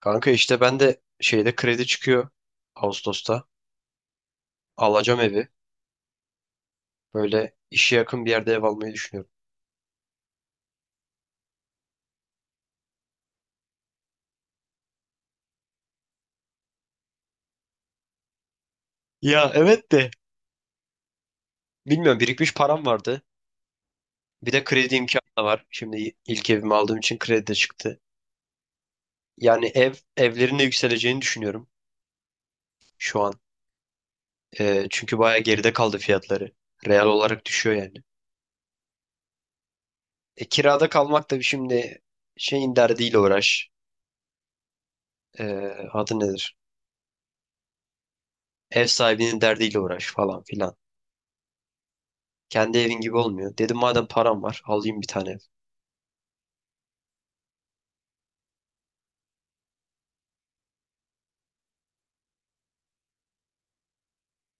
Kanka işte ben de şeyde kredi çıkıyor Ağustos'ta. Alacağım evi. Böyle işe yakın bir yerde ev almayı düşünüyorum. Ya evet de. Bilmiyorum birikmiş param vardı. Bir de kredi imkanı da var. Şimdi ilk evimi aldığım için kredi de çıktı. Yani evlerin de yükseleceğini düşünüyorum şu an. Çünkü bayağı geride kaldı fiyatları. Real olarak düşüyor yani. Kirada kalmak da şimdi şeyin derdiyle uğraş. Ee, Adı nedir? Ev sahibinin derdiyle uğraş falan filan. Kendi evin gibi olmuyor. Dedim madem param var alayım bir tane ev.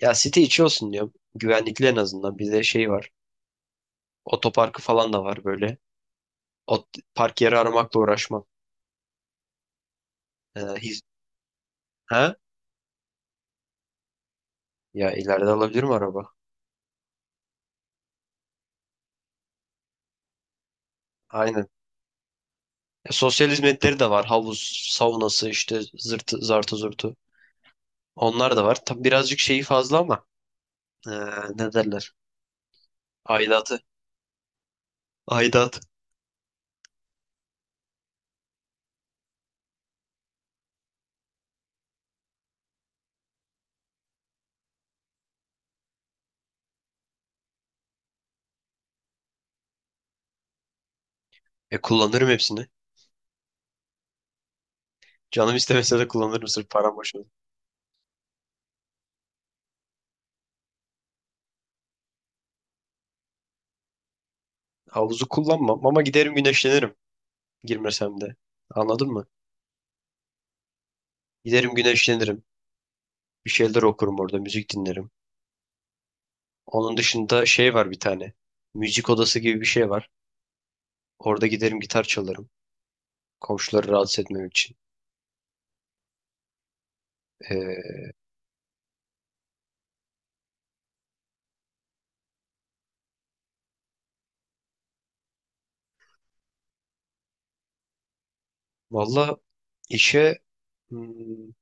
Ya site içi olsun diyorum. Güvenlikli en azından. Bir de şey var. Otoparkı falan da var böyle. Ot Park yeri aramakla uğraşmam. Ee, hiz- ha? Ya ileride alabilirim araba. Aynen. Sosyal hizmetleri de var. Havuz, saunası işte zırtı, zartı zurtu. Onlar da var. Tabi birazcık şeyi fazla ama ee, ne derler? Aidatı. Aidat. Kullanırım hepsini. Canım istemese de kullanırım sırf param boşuna. Havuzu kullanmam ama giderim güneşlenirim. Girmesem de. Anladın mı? Giderim güneşlenirim. Bir şeyler okurum orada, müzik dinlerim. Onun dışında şey var bir tane. Müzik odası gibi bir şey var. Orada giderim gitar çalarım. Komşuları rahatsız etmem için. Ee, Valla işe hmm,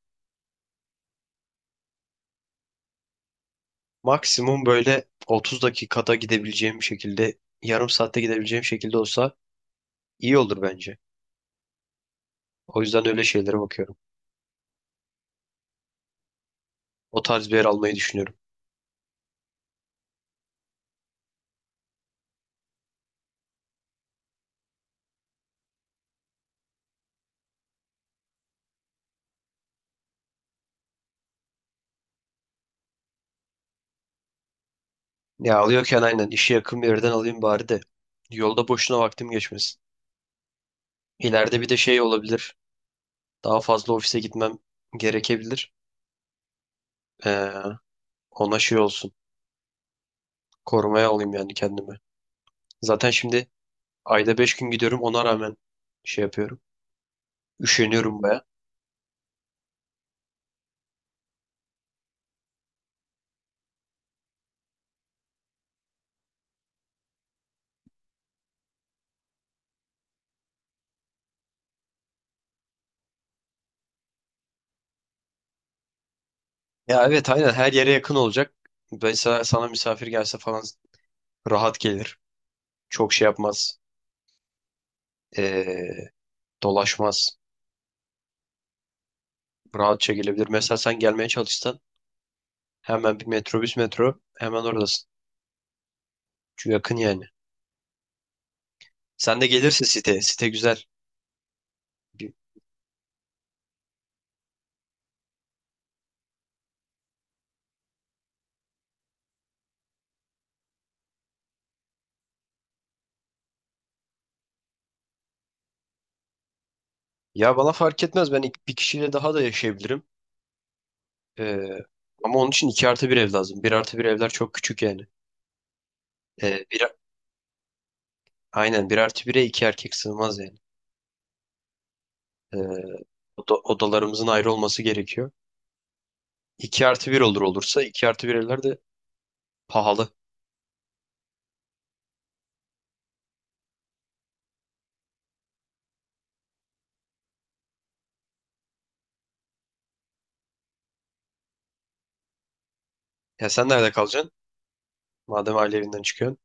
maksimum böyle 30 dakikada gidebileceğim şekilde, yarım saatte gidebileceğim şekilde olsa iyi olur bence. O yüzden öyle şeylere bakıyorum. O tarz bir yer almayı düşünüyorum. Ya alıyorken aynen işe yakın bir yerden alayım bari de. Yolda boşuna vaktim geçmesin. İleride bir de şey olabilir. Daha fazla ofise gitmem gerekebilir. Ee, Ona şey olsun. Korumaya alayım yani kendimi. Zaten şimdi ayda 5 gün gidiyorum ona rağmen şey yapıyorum. Üşeniyorum baya. Ya evet aynen her yere yakın olacak. Mesela sana misafir gelse falan rahat gelir. Çok şey yapmaz. Ee, Dolaşmaz. Rahatça gelebilir. Mesela sen gelmeye çalışsan hemen bir metrobüs metro hemen oradasın. Çünkü yakın yani. Sen de gelirse site. Site güzel. Ya bana fark etmez. Ben bir kişiyle daha da yaşayabilirim. Ee, Ama onun için 2 artı bir ev lazım. Bir artı bir evler çok küçük yani. Ee, bir, aynen bir artı 1'e 2 erkek sığmaz yani. Ee, Odalarımızın ayrı olması gerekiyor. İki artı bir olursa 2 artı bir evler de pahalı. Ya sen nerede kalacaksın? Madem aile evinden çıkıyorsun.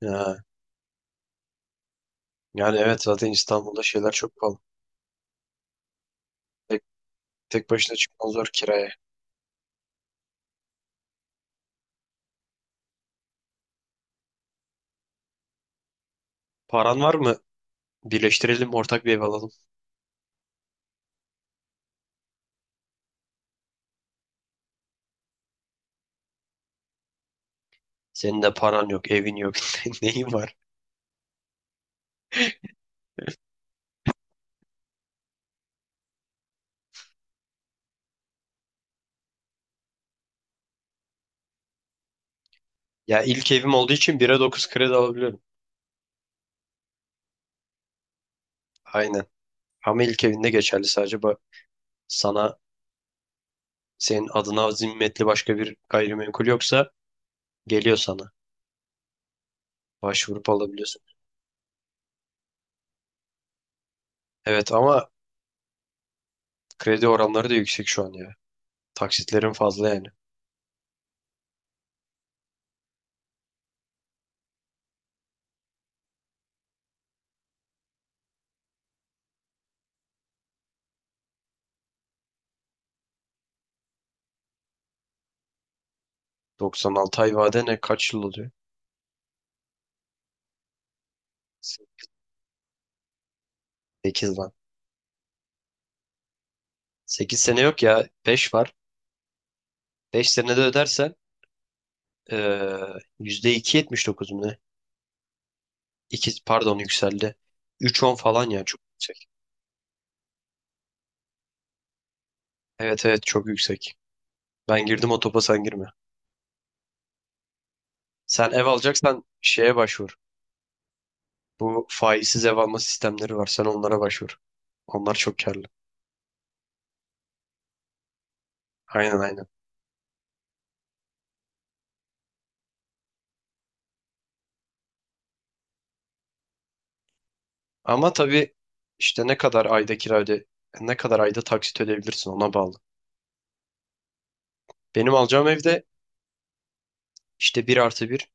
Ya, yani evet zaten İstanbul'da şeyler çok pahalı. Tek, tek başına çıkman zor kiraya. Paran var mı? Birleştirelim ortak bir ev alalım. Senin de paran yok, evin yok. Neyin var? Ya ilk evim olduğu için 1'e 9 kredi alabiliyorum. Aynen. Ama ilk evinde geçerli sadece bak sana senin adına zimmetli başka bir gayrimenkul yoksa geliyor sana. Başvurup alabiliyorsun. Evet ama kredi oranları da yüksek şu an ya. Taksitlerin fazla yani. 96 ay vade ne kaç yıl oluyor? 8 lan. 8 sene yok ya. 5 var. 5 senede ödersen eee %2,79 mu ne? 2, pardon yükseldi. 3,10 falan ya çok yüksek. Evet evet çok yüksek. Ben girdim o topa sen girme. Sen ev alacaksan şeye başvur. Bu faizsiz ev alma sistemleri var. Sen onlara başvur. Onlar çok karlı. Aynen aynen. Ama tabii işte ne kadar ayda kira öde, ne kadar ayda taksit ödeyebilirsin ona bağlı. Benim alacağım evde işte bir artı bir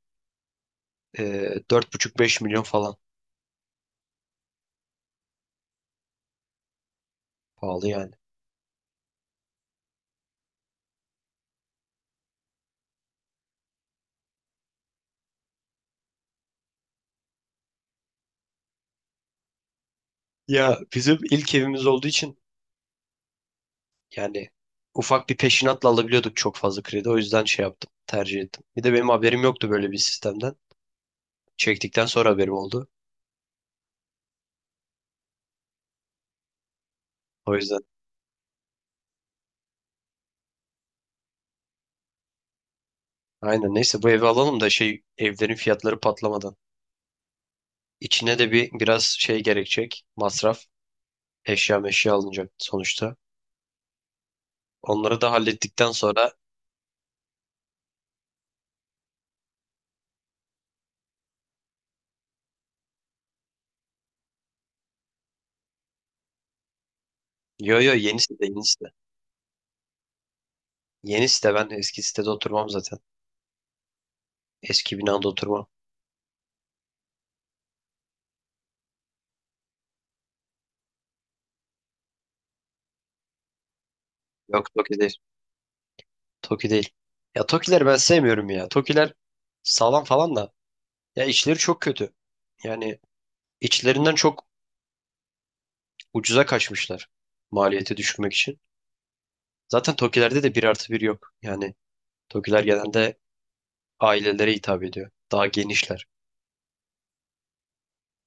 4,5-5 milyon falan. Pahalı yani. Ya bizim ilk evimiz olduğu için yani ufak bir peşinatla alabiliyorduk çok fazla kredi. O yüzden şey yaptım, tercih ettim. Bir de benim haberim yoktu böyle bir sistemden. Çektikten sonra haberim oldu. O yüzden. Aynen neyse bu evi alalım da şey evlerin fiyatları patlamadan. İçine de biraz şey gerekecek. Masraf. Eşya meşya alınacak sonuçta. Onları da hallettikten sonra yo yo yeni site yeni site. Yeni site ben eski sitede oturmam zaten. Eski binada oturmam. Yok Toki değil. Toki değil. Ya Tokileri ben sevmiyorum ya. Tokiler sağlam falan da. Ya içleri çok kötü. Yani içlerinden çok ucuza kaçmışlar. Maliyeti düşürmek için. Zaten Tokilerde de bir artı bir yok. Yani Tokiler genelde ailelere hitap ediyor. Daha genişler.